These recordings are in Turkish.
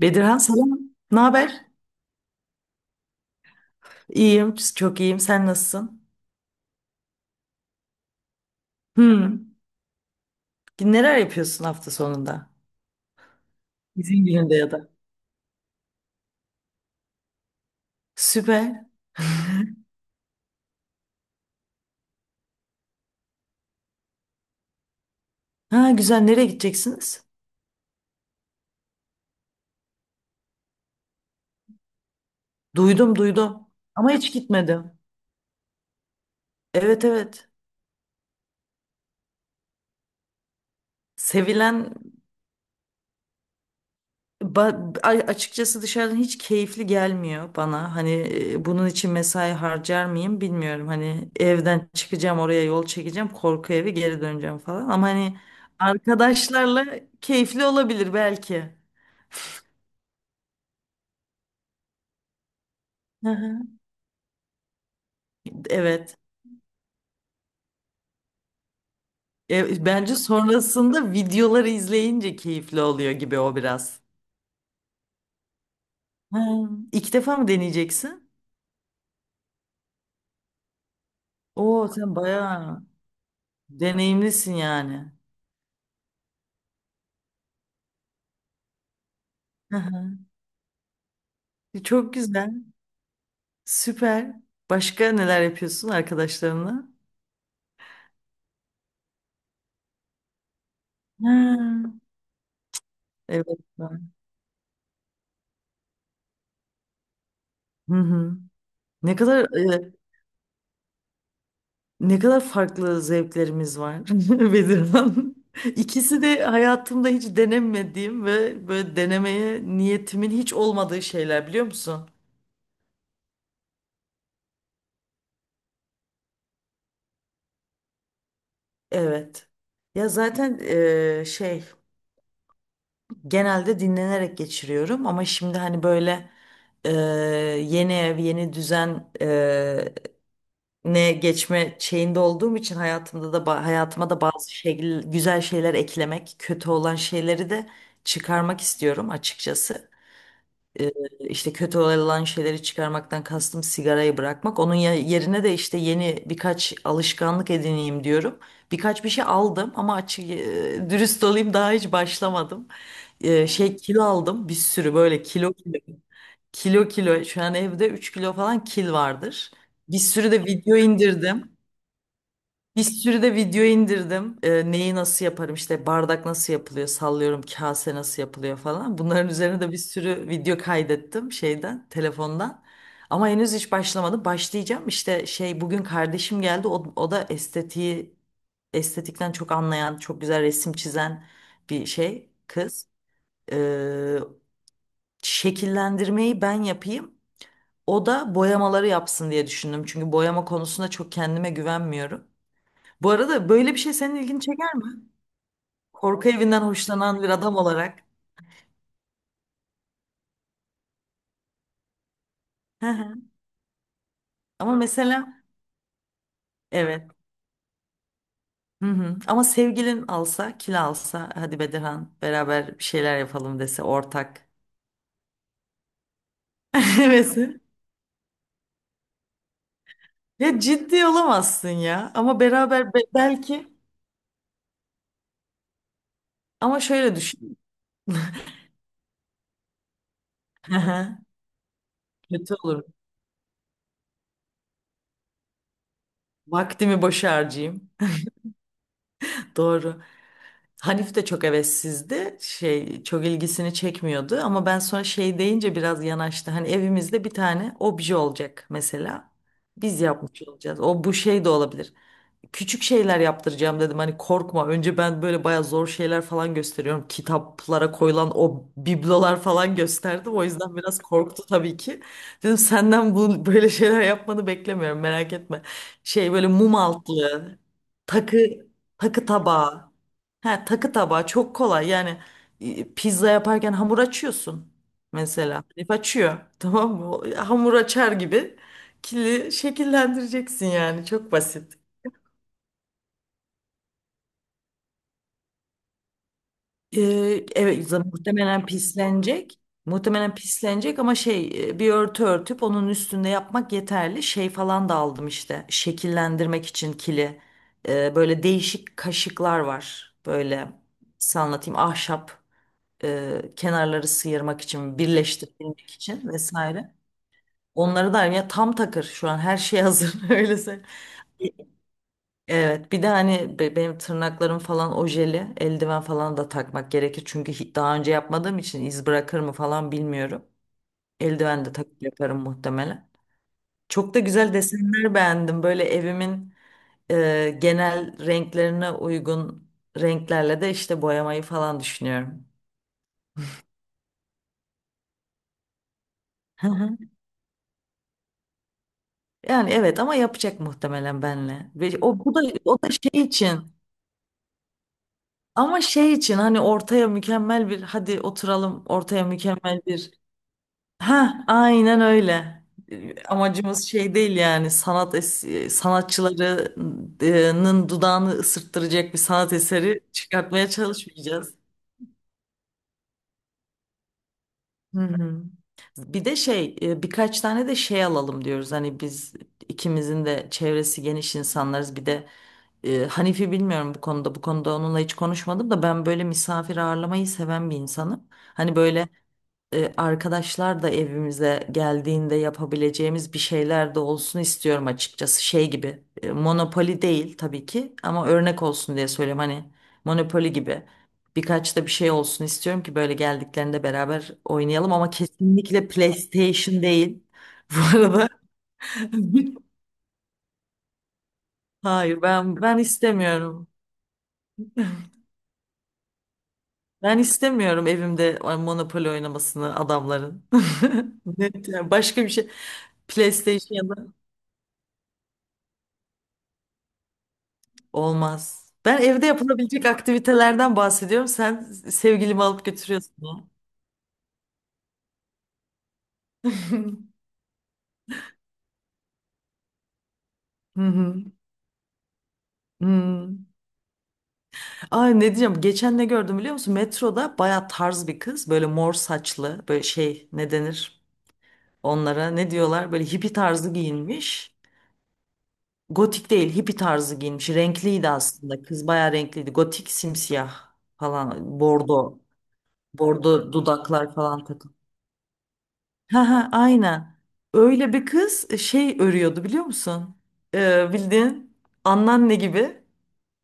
Bedirhan selam. Ne haber? İyiyim, çok iyiyim. Sen nasılsın? Hmm. Neler yapıyorsun hafta sonunda? İzin gününde ya da. Süper. Ha güzel. Nereye gideceksiniz? Duydum, duydum. Ama hiç gitmedim. Evet, evet. Sevilen açıkçası dışarıdan hiç keyifli gelmiyor bana. Hani bunun için mesai harcar mıyım bilmiyorum. Hani evden çıkacağım, oraya yol çekeceğim, korku evi geri döneceğim falan. Ama hani arkadaşlarla keyifli olabilir belki. Hı hı. Evet. Bence sonrasında videoları izleyince keyifli oluyor gibi o biraz. Ha, ilk defa mı deneyeceksin? Oo sen bayağı deneyimlisin yani. Hı hı. Çok güzel. Süper. Başka neler yapıyorsun arkadaşlarınla? Ha, evet. Hı hı. Ne kadar e, ne kadar farklı zevklerimiz var, Bedirhan. İkisi de hayatımda hiç denemediğim ve böyle denemeye niyetimin hiç olmadığı şeyler, biliyor musun? Evet. Ya zaten şey, genelde dinlenerek geçiriyorum ama şimdi hani böyle eee, yeni ev yeni düzen, ne geçme şeyinde olduğum için hayatımda da hayatıma da bazı şekil, güzel şeyler eklemek, kötü olan şeyleri de çıkarmak istiyorum açıkçası. e, işte kötü olan şeyleri çıkarmaktan kastım sigarayı bırakmak. Onun yerine de işte yeni birkaç alışkanlık edineyim diyorum. Birkaç bir şey aldım ama dürüst olayım daha hiç başlamadım. Şey, kilo aldım bir sürü, böyle kilo kilo. Kilo kilo şu an evde 3 kilo falan kil vardır. Bir sürü de video indirdim. Bir sürü de video indirdim. Neyi nasıl yaparım işte, bardak nasıl yapılıyor, sallıyorum, kase nasıl yapılıyor falan. Bunların üzerine de bir sürü video kaydettim şeyden, telefondan. Ama henüz hiç başlamadım. Başlayacağım işte şey, bugün kardeşim geldi. O da estetiği estetikten çok anlayan, çok güzel resim çizen bir şey kız. Ee, şekillendirmeyi ben yapayım. O da boyamaları yapsın diye düşündüm. Çünkü boyama konusunda çok kendime güvenmiyorum. Bu arada böyle bir şey senin ilgini çeker mi? Korku evinden hoşlanan bir adam olarak. Hı hı. Ama mesela evet. Hı hı. Ama sevgilin alsa, kil alsa, hadi Bedirhan beraber bir şeyler yapalım dese ortak. Hevesi. Ya ciddi olamazsın ya. Ama beraber belki ama şöyle düşün. Hı hı. Kötü olur. Vaktimi boşa harcayayım. Doğru. Hanif de çok hevessizdi. Şey, çok ilgisini çekmiyordu ama ben sonra şey deyince biraz yanaştı. Hani evimizde bir tane obje olacak mesela. Biz yapmış olacağız. O bu şey de olabilir, küçük şeyler yaptıracağım dedim. Hani korkma. Önce ben böyle bayağı zor şeyler falan gösteriyorum. Kitaplara koyulan o biblolar falan gösterdim. O yüzden biraz korktu tabii ki. Dedim senden bu böyle şeyler yapmanı beklemiyorum. Merak etme. Şey, böyle mum altlığı, takı takı tabağı. Ha, takı tabağı çok kolay. Yani pizza yaparken hamur açıyorsun mesela. Herif açıyor. Tamam mı? O hamur açar gibi kili şekillendireceksin yani. Çok basit. Evet zaten muhtemelen pislenecek. Muhtemelen pislenecek ama şey, bir örtü örtüp onun üstünde yapmak yeterli. Şey falan da aldım işte şekillendirmek için kili. Böyle değişik kaşıklar var. Böyle size anlatayım, ahşap, kenarları sıyırmak için, birleştirmek için vesaire. Onları da ya, tam takır şu an her şey hazır, öylese. Evet, bir de hani benim tırnaklarım falan ojeli, eldiven falan da takmak gerekir. Çünkü daha önce yapmadığım için iz bırakır mı falan bilmiyorum. Eldiven de takıp yaparım muhtemelen. Çok da güzel desenler beğendim. Böyle evimin genel renklerine uygun renklerle de işte boyamayı falan düşünüyorum. Hı hı. Yani evet, ama yapacak muhtemelen benle. Ve o bu da o da şey için ama şey için hani ortaya mükemmel bir, hadi oturalım ortaya mükemmel bir. Ha, aynen öyle. E, amacımız şey değil yani, sanatçılarının dudağını ısırttıracak bir sanat eseri çıkartmaya çalışmayacağız. Hı hı. Bir de şey, birkaç tane de şey alalım diyoruz. Hani biz ikimizin de çevresi geniş insanlarız. Bir de Hanifi bilmiyorum bu konuda. Bu konuda onunla hiç konuşmadım da ben böyle misafir ağırlamayı seven bir insanım. Hani böyle arkadaşlar da evimize geldiğinde yapabileceğimiz bir şeyler de olsun istiyorum açıkçası. Şey gibi, Monopoly değil tabii ki ama örnek olsun diye söylüyorum, hani Monopoly gibi birkaç da bir şey olsun istiyorum ki böyle geldiklerinde beraber oynayalım, ama kesinlikle PlayStation değil. Bu arada hayır, ben istemiyorum. Ben istemiyorum evimde Monopoly oynamasını adamların. Net yani, başka bir şey. PlayStation ya da olmaz. Ben evde yapılabilecek aktivitelerden bahsediyorum. Sen sevgilimi alıp götürüyorsun ya. Hı hı. Hı. Ay, ne diyeceğim? Geçen ne gördüm biliyor musun? Metroda baya tarz bir kız. Böyle mor saçlı. Böyle şey, ne denir? Onlara ne diyorlar? Böyle hippie tarzı giyinmiş. Gotik değil, hippie tarzı giyinmiş. Renkliydi aslında. Kız baya renkliydi. Gotik simsiyah falan. Bordo. Bordo dudaklar falan. Ha ha, aynen. Öyle bir kız şey örüyordu biliyor musun? Bildiğin anneanne gibi,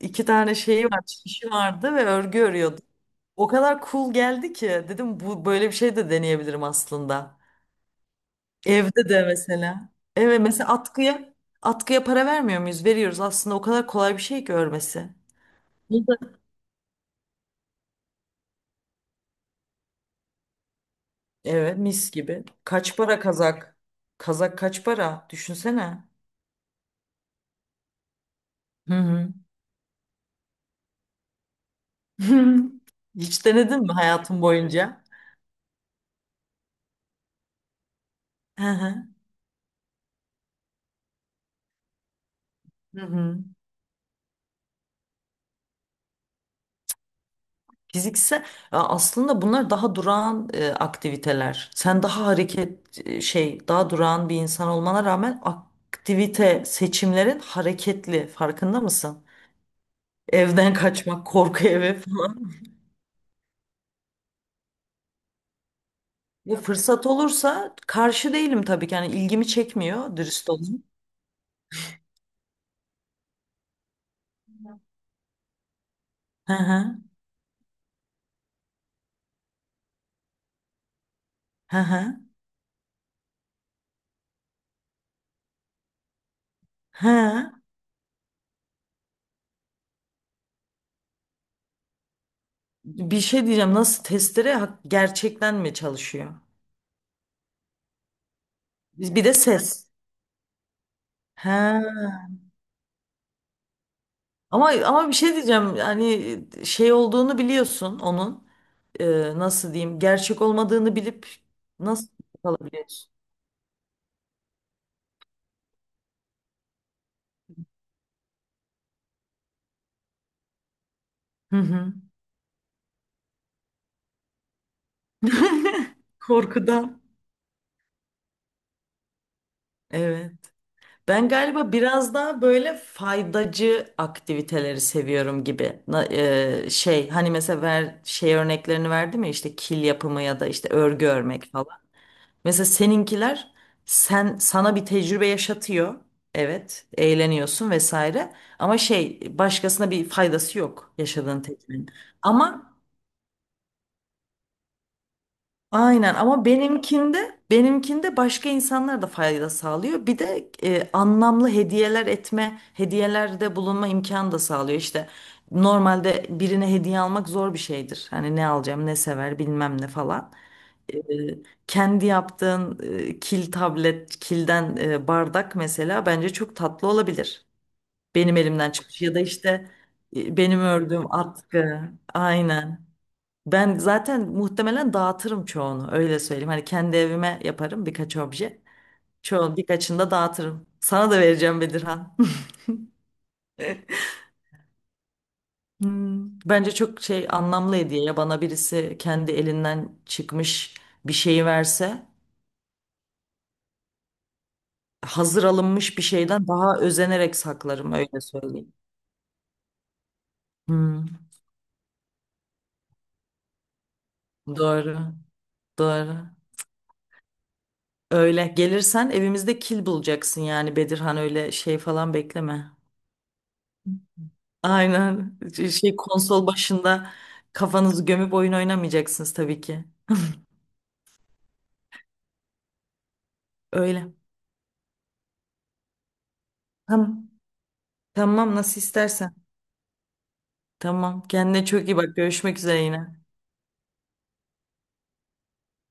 iki tane şeyi var, çişi vardı ve örgü örüyordu. O kadar cool geldi ki dedim, bu böyle bir şey de deneyebilirim aslında. Evde de mesela. Evet mesela, atkıya para vermiyor muyuz? Veriyoruz aslında, o kadar kolay bir şey ki örmesi. Bu da. Evet, mis gibi. Kaç para kazak? Kazak kaç para? Düşünsene. Hı hı. Hiç denedin mi hayatın boyunca? Hı hı. Hı hı. Fiziksel. Ya aslında bunlar daha durağan aktiviteler. Sen daha şey, daha durağan bir insan olmana rağmen aktivite seçimlerin hareketli, farkında mısın? Evden kaçmak, korku evi falan. Bu fırsat olursa karşı değilim tabii ki. Yani ilgimi çekmiyor, dürüst olayım. Hı hı. Hı hı. Hı. Bir şey diyeceğim. Nasıl testere gerçekten mi çalışıyor? Biz bir de ses. He. Ama ama bir şey diyeceğim. Yani, şey olduğunu biliyorsun onun. Nasıl diyeyim? Gerçek olmadığını bilip nasıl kalabiliyorsun? Hı hı. Korkudan. Evet. Ben galiba biraz daha böyle faydacı aktiviteleri seviyorum gibi. Şey hani mesela şey örneklerini verdim ya, işte kil yapımı ya da işte örgü örmek. Mesela seninkiler, sana bir tecrübe yaşatıyor. Evet, eğleniyorsun vesaire. Ama şey, başkasına bir faydası yok yaşadığın tecrübenin. Ama aynen, ama benimkinde başka insanlar da fayda sağlıyor. Bir de anlamlı hediyeler etme, hediyelerde bulunma imkanı da sağlıyor. İşte normalde birine hediye almak zor bir şeydir. Hani ne alacağım, ne sever, bilmem ne falan. e, Kendi yaptığın kil tablet, kilden bardak mesela bence çok tatlı olabilir. Benim elimden çıkmış ya da işte benim ördüğüm atkı. Aynen. Ben zaten muhtemelen dağıtırım çoğunu, öyle söyleyeyim. Hani kendi evime yaparım birkaç obje. Çoğu, birkaçını da dağıtırım. Sana da vereceğim Bedirhan. Hmm, bence çok şey, anlamlı hediye ya, bana birisi kendi elinden çıkmış bir şeyi verse, hazır alınmış bir şeyden daha özenerek saklarım, öyle söyleyeyim. Hmm, doğru, doğru. Öyle gelirsen evimizde kil bulacaksın yani Bedirhan, öyle şey falan bekleme. Aynen, şey konsol başında kafanızı gömüp oyun oynamayacaksınız tabii ki. Öyle. Tamam, tamam nasıl istersen. Tamam, kendine çok iyi bak, görüşmek üzere yine.